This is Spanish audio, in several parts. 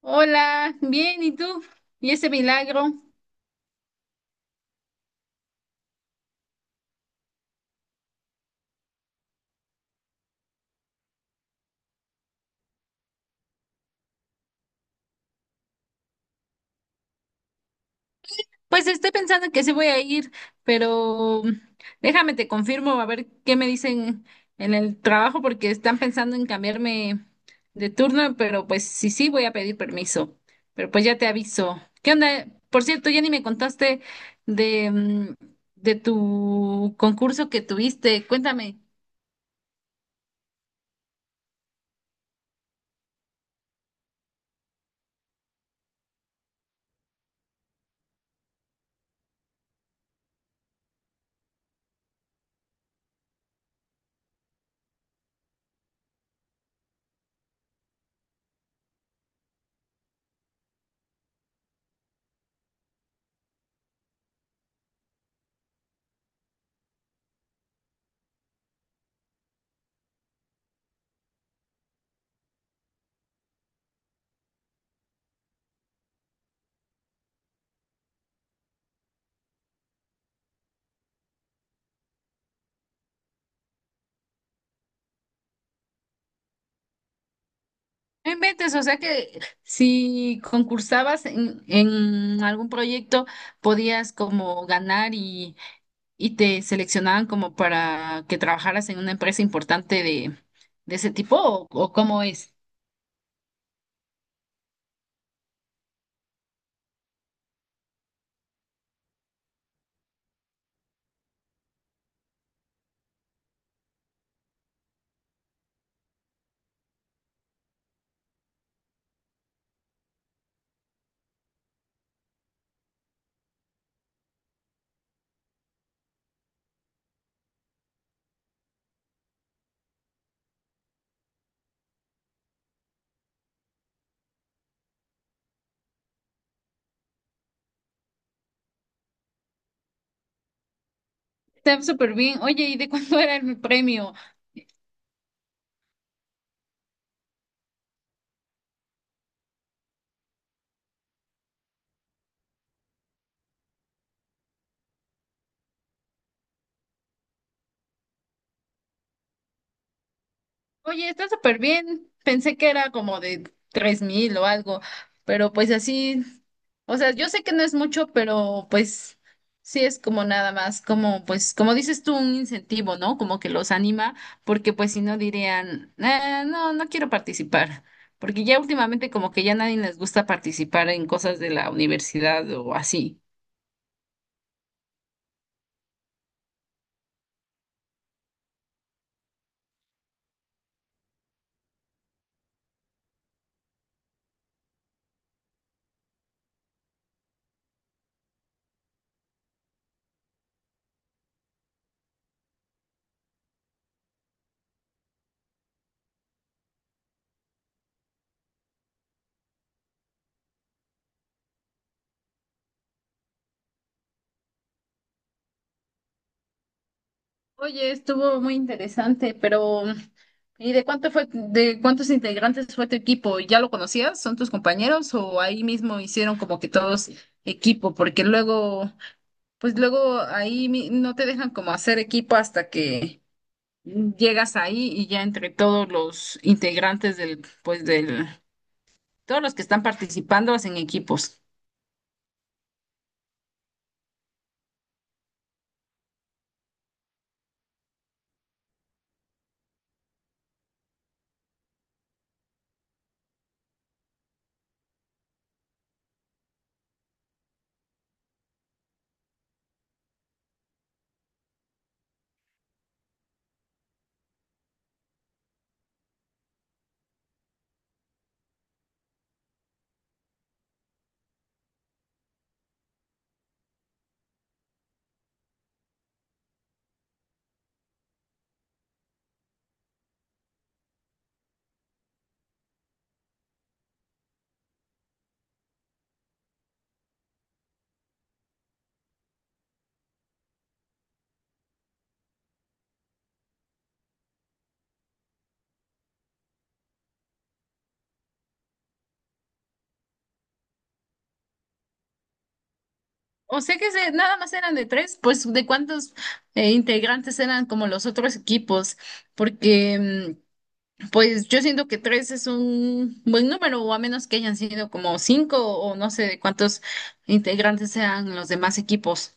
Hola, bien, ¿y tú? ¿Y ese milagro? Pues estoy pensando que sí voy a ir, pero déjame te confirmo a ver qué me dicen en el trabajo porque están pensando en cambiarme de turno, pero pues sí, sí voy a pedir permiso. Pero pues ya te aviso. ¿Qué onda? Por cierto, ya ni me contaste de, de tu concurso que tuviste. Cuéntame. No inventes, o sea que si concursabas en algún proyecto, podías como ganar y te seleccionaban como para que trabajaras en una empresa importante de ese tipo, o cómo es. Está súper bien. Oye, ¿y de cuánto era el premio? Oye, está súper bien. Pensé que era como de 3 mil o algo, pero pues así, o sea, yo sé que no es mucho, pero pues sí es como nada más, como pues, como dices tú, un incentivo, ¿no? Como que los anima, porque pues si no dirían, "Ah, no, no quiero participar, porque ya últimamente como que ya nadie les gusta participar en cosas de la universidad o así." Oye, estuvo muy interesante, pero ¿y de cuánto fue, de cuántos integrantes fue tu equipo? ¿Ya lo conocías? ¿Son tus compañeros o ahí mismo hicieron como que todos equipo? Porque luego, pues luego ahí mi- no te dejan como hacer equipo hasta que llegas ahí y ya entre todos los integrantes del, pues del, todos los que están participando hacen equipos. O sea que se- nada más eran de tres, pues ¿de cuántos integrantes eran como los otros equipos? Porque, pues yo siento que tres es un buen número, o a menos que hayan sido como cinco o no sé de cuántos integrantes sean los demás equipos.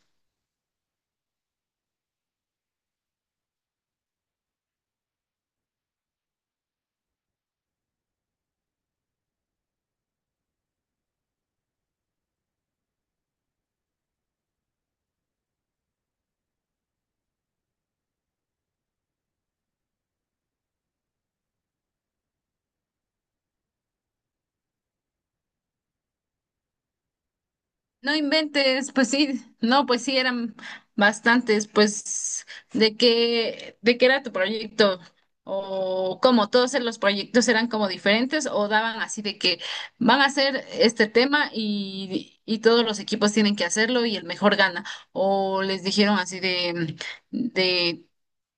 No inventes, pues sí, no, pues sí, eran bastantes, pues, de qué era tu proyecto? O cómo todos los proyectos eran como diferentes o daban así de que van a hacer este tema y todos los equipos tienen que hacerlo y el mejor gana. O les dijeron así de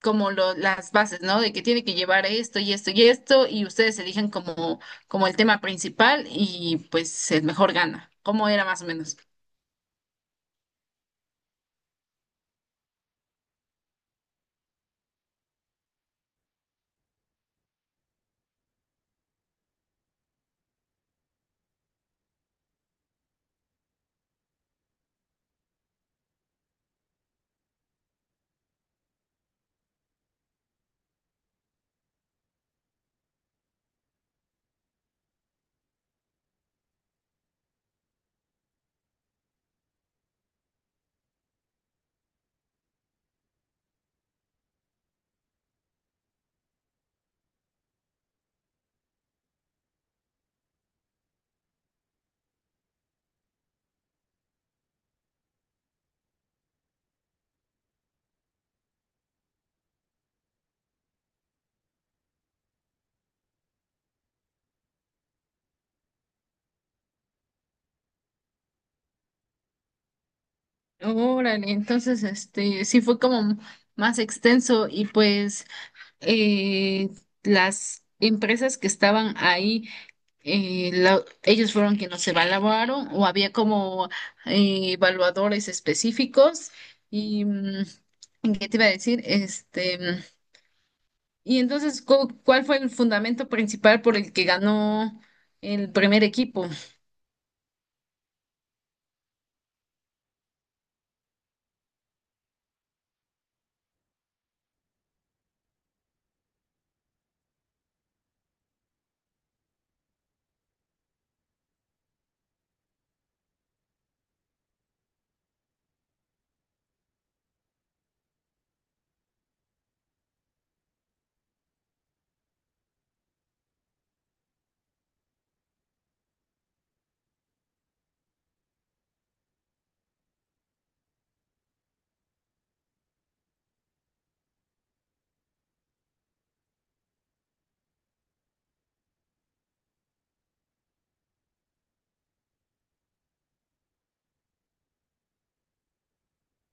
como lo- las bases, ¿no? De que tiene que llevar esto y esto y esto y ustedes eligen como, como el tema principal y pues el mejor gana. ¿Cómo era más o menos? Órale, entonces este sí fue como más extenso y pues eh, las empresas que estaban ahí, la- ellos fueron quienes se evaluaron o había como evaluadores específicos y, ¿qué te iba a decir? Este, y entonces, cu- ¿cuál fue el fundamento principal por el que ganó el primer equipo?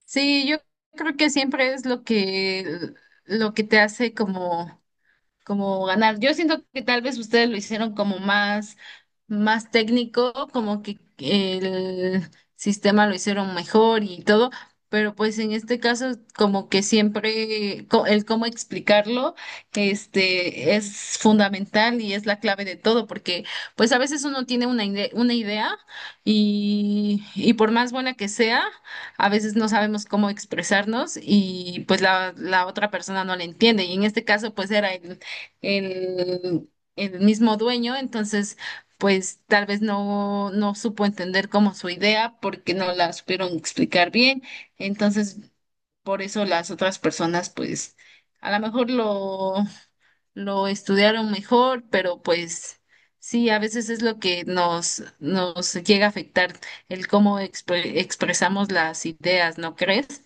Sí, yo creo que siempre es lo que te hace como como ganar. Yo siento que tal vez ustedes lo hicieron como más, más técnico, como que el sistema lo hicieron mejor y todo, pero pues en este caso como que siempre co- el cómo explicarlo, este, es fundamental y es la clave de todo, porque pues a veces uno tiene una ide- una idea y por más buena que sea, a veces no sabemos cómo expresarnos y pues la otra persona no la entiende. Y en este caso pues era el, el mismo dueño, entonces pues tal vez no, no supo entender como su idea porque no la supieron explicar bien, entonces por eso las otras personas pues a lo mejor lo estudiaron mejor, pero pues sí, a veces es lo que nos, nos llega a afectar el cómo expre- expresamos las ideas, ¿no crees?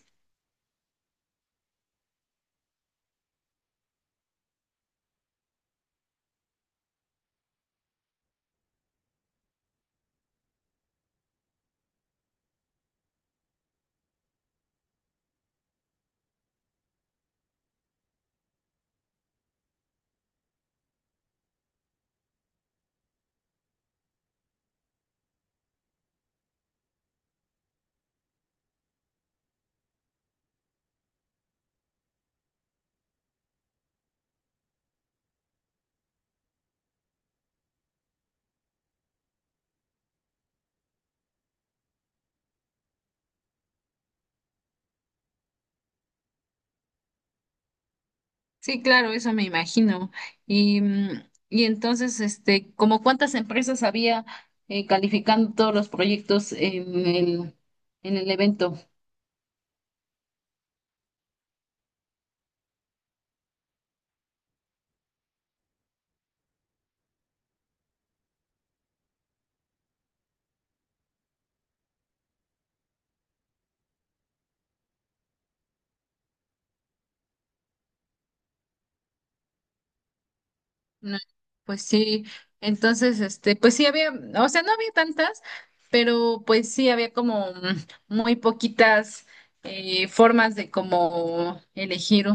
Sí, claro, eso me imagino. Y, y entonces, este, ¿como cuántas empresas había calificando todos los proyectos en el evento? No, pues sí, entonces, este, pues sí había, o sea, no había tantas, pero pues sí había como muy poquitas formas de como elegir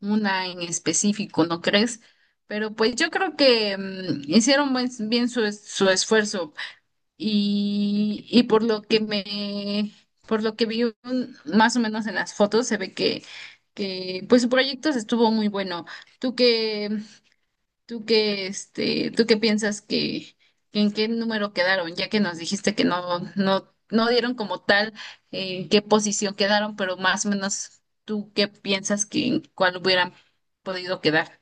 una en específico, ¿no crees? Pero pues yo creo que hicieron buen- bien su, es- su esfuerzo. Y por lo que me, por lo que vi un- más o menos en las fotos, se ve que pues su proyecto se estuvo muy bueno. ¿Tú qué, tú qué, este, tú qué piensas que en qué número quedaron? Ya que nos dijiste que no, no, no dieron como tal en qué posición quedaron, pero más o menos tú qué piensas que en cuál hubieran podido quedar.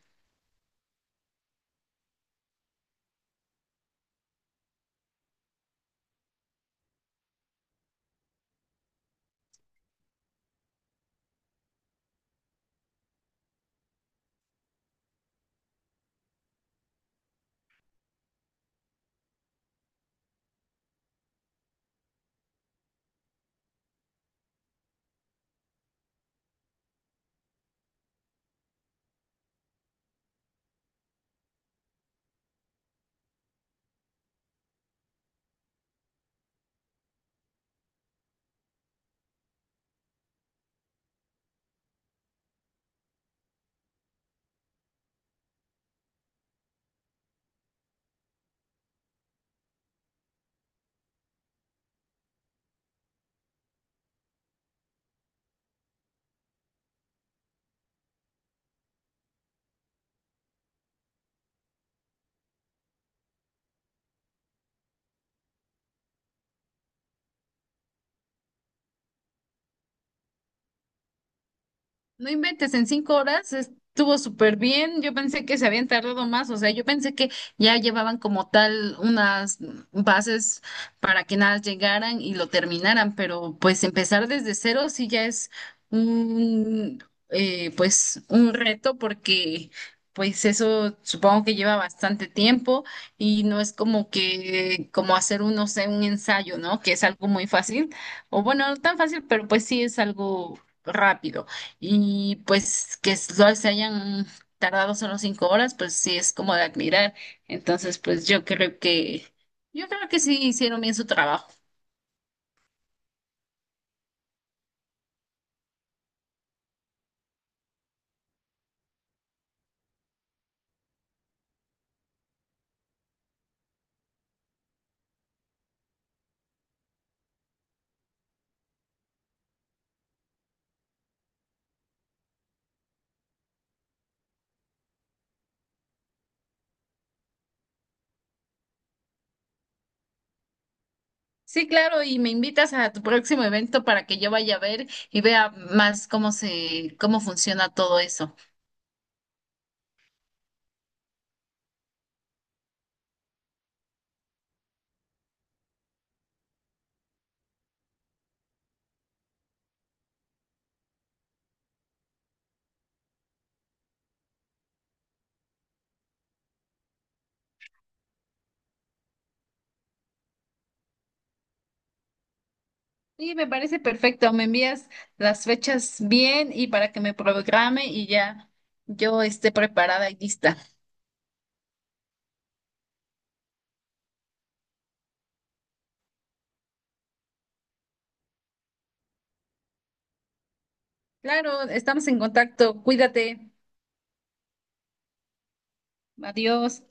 No inventes, en 5 horas estuvo súper bien. Yo pensé que se habían tardado más, o sea, yo pensé que ya llevaban como tal unas bases para que nada llegaran y lo terminaran, pero pues empezar desde cero sí ya es un, pues un reto porque pues eso supongo que lleva bastante tiempo y no es como que, como hacer un, no sé, un ensayo, ¿no? Que es algo muy fácil, o bueno, no tan fácil, pero pues sí es algo rápido. Y pues que solo se hayan tardado solo 5 horas, pues sí es como de admirar. Entonces, pues yo creo que sí hicieron bien su trabajo. Sí, claro, y me invitas a tu próximo evento para que yo vaya a ver y vea más cómo se, cómo funciona todo eso. Sí, me parece perfecto. Me envías las fechas bien y para que me programe y ya yo esté preparada y lista. Claro, estamos en contacto. Cuídate. Adiós.